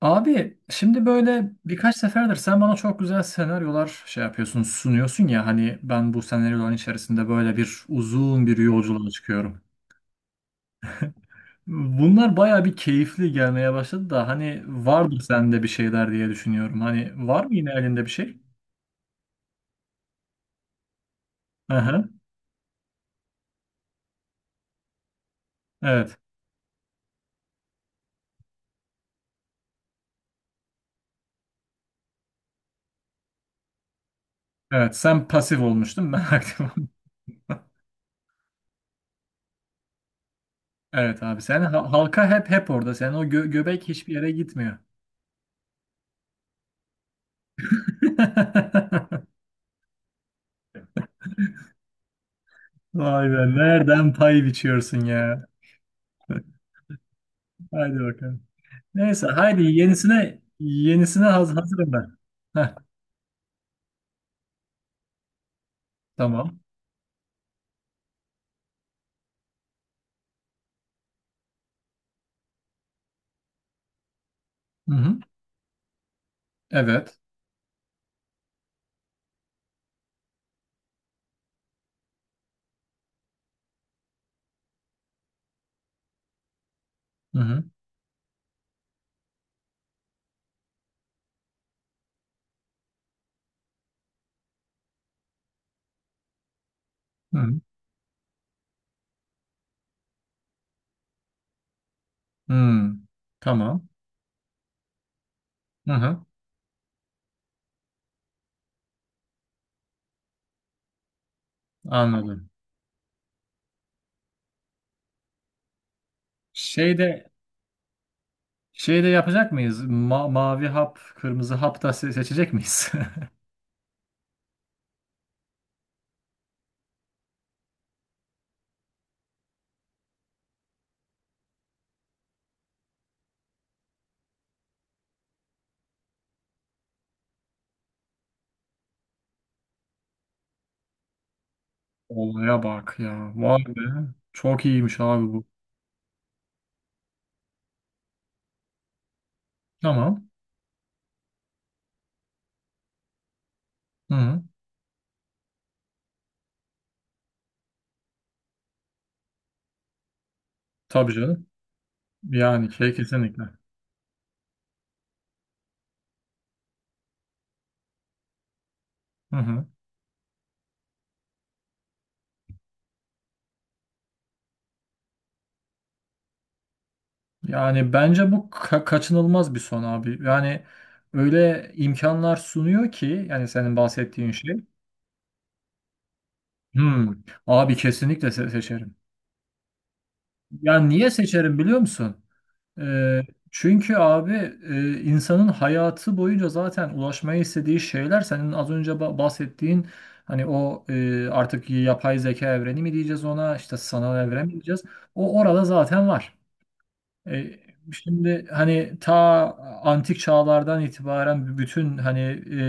Abi şimdi böyle birkaç seferdir sen bana çok güzel senaryolar yapıyorsun, sunuyorsun ya hani ben bu senaryoların içerisinde böyle uzun bir yolculuğa çıkıyorum. Bunlar baya bir keyifli gelmeye başladı da hani vardır sende bir şeyler diye düşünüyorum. Hani var mı yine elinde bir şey? Aha, evet. Evet sen pasif olmuştun, ben aktif oldum. Evet abi sen halka, hep orada. Sen o göbek hiçbir yere gitmiyor. Vay be, nereden pay biçiyorsun ya? Haydi bakalım. Neyse, haydi yenisine yenisine hazırım ben. Heh, tamam. Hı hı. Evet. Hı hı. Hı hı. Hmm. Tamam. Hı hı. Anladım. Şeyde şeyde yapacak mıyız? Mavi hap, kırmızı hap da seçecek miyiz? Olaya bak ya. Vay be. Çok iyiymiş abi bu. Tamam. Hı hı. Tabii canım. Yani şey, kesinlikle. Hı hı. Yani bence bu kaçınılmaz bir son abi. Yani öyle imkanlar sunuyor ki yani senin bahsettiğin şey. Hmm, abi kesinlikle seçerim. Yani niye seçerim biliyor musun? Ee, Çünkü abi insanın hayatı boyunca zaten ulaşmayı istediği şeyler senin az önce bahsettiğin hani o artık yapay zeka evreni mi diyeceğiz ona, işte sanal evren mi diyeceğiz? O orada zaten var. E, Şimdi hani ta antik çağlardan itibaren bütün hani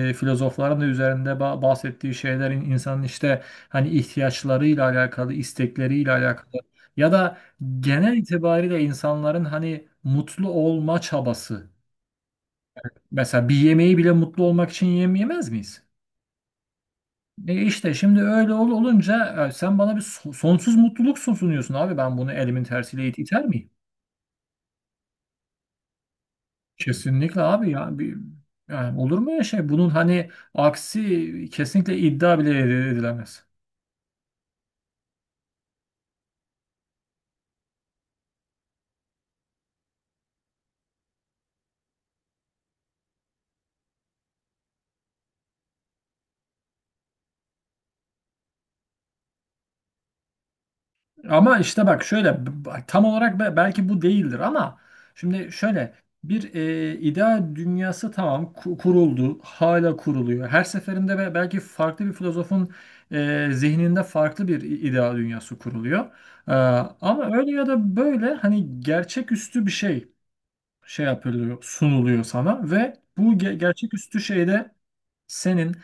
filozofların da üzerinde bahsettiği şeylerin insanın işte hani ihtiyaçlarıyla alakalı, istekleriyle alakalı ya da genel itibariyle insanların hani mutlu olma çabası. Mesela bir yemeği bile mutlu olmak için yemez miyiz? E işte şimdi öyle olunca sen bana bir sonsuz mutluluk sunuyorsun abi, ben bunu elimin tersiyle iter miyim? Kesinlikle abi ya bir, yani olur mu ya şey, bunun hani aksi kesinlikle iddia bile edilemez. Ama işte bak şöyle tam olarak belki bu değildir ama şimdi şöyle bir ideal dünyası tamam kuruldu, hala kuruluyor. Her seferinde belki farklı bir filozofun zihninde farklı bir ideal dünyası kuruluyor. Ee, Ama öyle ya da böyle hani gerçeküstü bir şey. Şey yapılıyor, sunuluyor sana ve bu gerçeküstü şeyde senin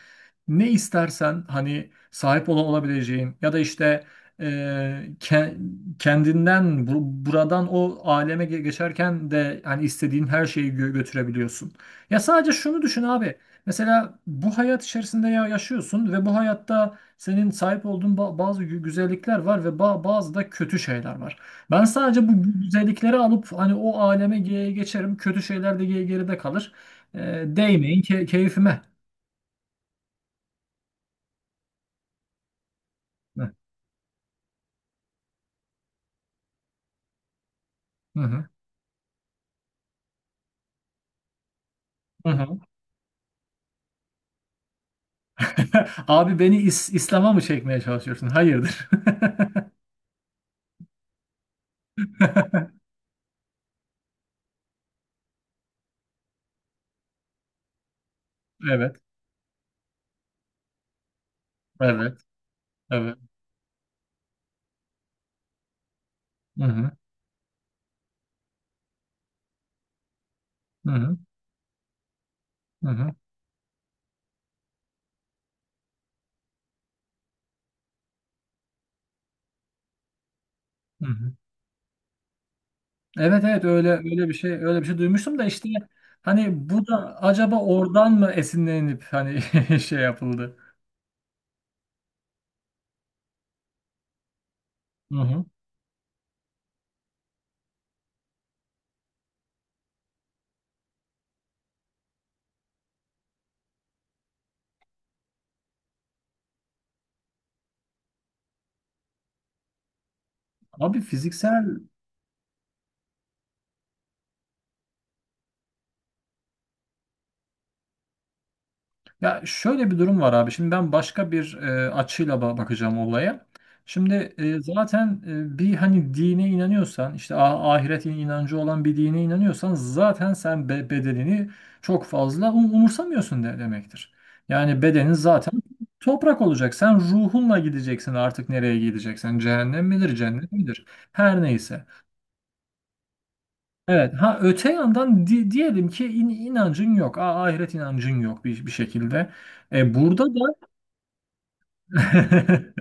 ne istersen hani sahip olabileceğin ya da işte e, ke- kendinden buradan o aleme geçerken de hani istediğin her şeyi götürebiliyorsun. Ya sadece şunu düşün abi. Mesela bu hayat içerisinde yaşıyorsun ve bu hayatta senin sahip olduğun bazı güzellikler var ve bazı da kötü şeyler var. Ben sadece bu güzellikleri alıp hani o aleme geçerim. Kötü şeyler de geride kalır. E, değmeyin keyfime. Hı hı. Hı hı. Abi beni İslam'a mı çekmeye çalışıyorsun? Hayırdır? Evet, evet, evet. Hı hı, hı hı, hı hı, hı hı. Evet, evet, öyle öyle bir şey, öyle bir şey duymuştum da işte hani bu da acaba oradan mı esinlenip hani şey yapıldı? Hı hı. Abi fiziksel. Ya şöyle bir durum var abi. Şimdi ben başka bir açıyla bakacağım olaya. Şimdi zaten bir hani dine inanıyorsan, işte ahiret inancı olan bir dine inanıyorsan zaten sen bedenini çok fazla umursamıyorsun demektir. Yani bedenin zaten toprak olacak. Sen ruhunla gideceksin artık nereye gideceksen. Cehennem midir, cennet midir? Her neyse. Evet. Ha öte yandan diyelim ki inancın yok, ahiret inancın yok bir, bir şekilde. E, burada da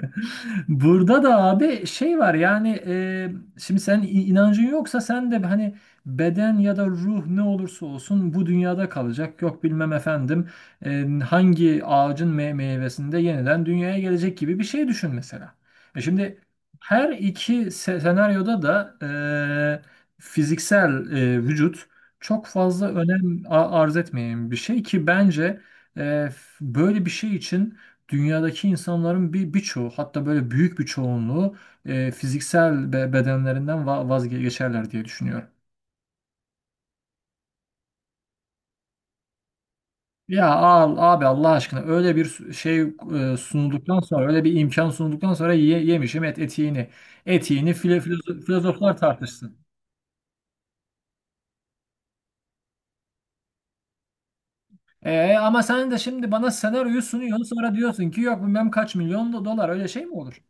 burada da abi şey var yani, şimdi sen inancın yoksa sen de hani beden ya da ruh ne olursa olsun bu dünyada kalacak. Yok bilmem efendim hangi ağacın meyvesinde yeniden dünyaya gelecek gibi bir şey düşün mesela. E şimdi her iki senaryoda da e, fiziksel vücut çok fazla önem arz etmeyen bir şey ki bence e, böyle bir şey için dünyadaki insanların birçoğu, hatta böyle büyük bir çoğunluğu fiziksel bedenlerinden vazgeçerler diye düşünüyorum. Ya al abi Allah aşkına öyle bir şey sunulduktan sonra, öyle bir imkan sunulduktan sonra ye, yemişim et etiğini. Etiğini filozoflar tartışsın. E, ama sen de şimdi bana senaryoyu sunuyorsun sonra diyorsun ki yok bilmem kaç milyon dolar, öyle şey mi olur?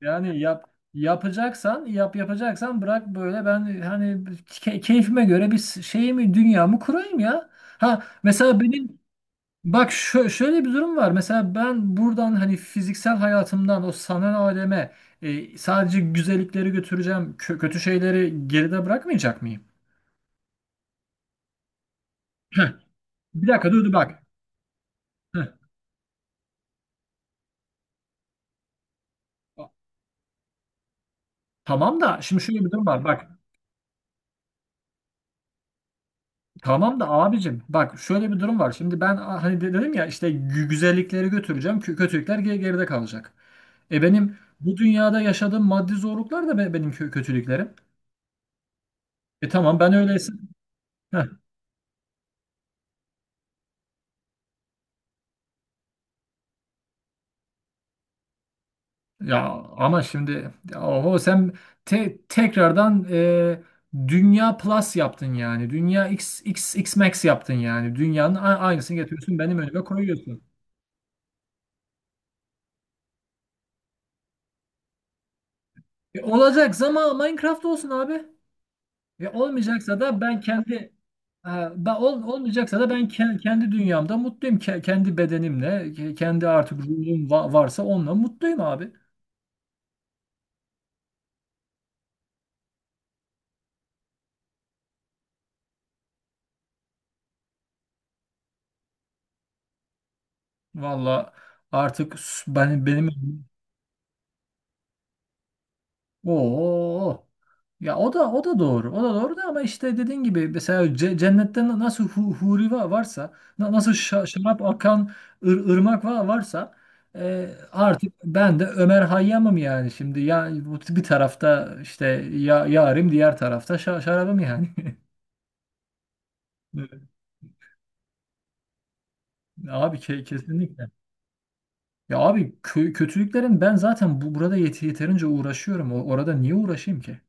Yani yapacaksan yap, yapacaksan bırak böyle ben hani keyfime göre bir şeyimi, dünyamı kurayım ya. Ha mesela benim bak şöyle bir durum var. Mesela ben buradan hani fiziksel hayatımdan o sanal aleme sadece güzellikleri götüreceğim. Kö- kötü şeyleri geride bırakmayacak mıyım? Heh, bir dakika, dur bak. Heh, tamam da şimdi şöyle bir durum var. Bak, tamam da abicim bak şöyle bir durum var. Şimdi ben hani dedim ya işte güzellikleri götüreceğim. Kötülükler geride kalacak. E benim bu dünyada yaşadığım maddi zorluklar da benim kötülüklerim. E tamam ben öyleyse. Heh, ya ama şimdi ya oho sen tekrardan Dünya Plus yaptın yani. Dünya X, X, X Max yaptın yani. Dünyanın aynısını getiriyorsun, benim önüme koyuyorsun. E olacaksa ama Minecraft olsun abi. Ve olmayacaksa da ben kendi. Ha, olmayacaksa da ben kendi dünyamda mutluyum. Kendi bedenimle, kendi artık ruhum varsa onunla mutluyum abi. Valla artık ben benim o. Ya o da, o da doğru. O da doğru da ama işte dediğin gibi mesela cennette nasıl huri varsa, nasıl şarap akan ırmak varsa, artık ben de Ömer Hayyam'ım yani şimdi. Ya bu bir tarafta işte ya yarim, diğer tarafta şarabım yani. Evet. Abi kesinlikle. Ya abi kötülüklerin ben zaten bu burada yeterince uğraşıyorum. Orada niye uğraşayım ki?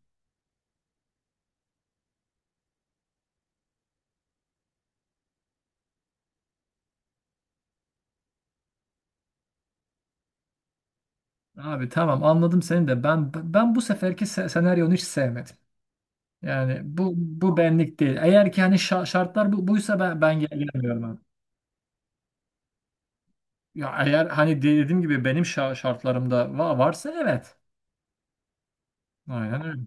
Abi tamam, anladım seni de ben bu seferki senaryonu hiç sevmedim. Yani bu, bu benlik değil. Eğer ki hani şartlar bu, buysa ben gelmiyorum abi. Ya eğer hani dediğim gibi benim şartlarımda varsa, evet. Aynen öyle.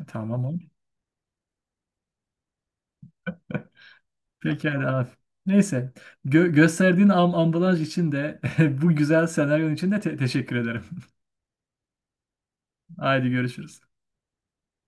E, tamam abi. Pekala abi. Neyse. Gösterdiğin ambalaj için de bu güzel senaryon için de teşekkür ederim. Haydi görüşürüz.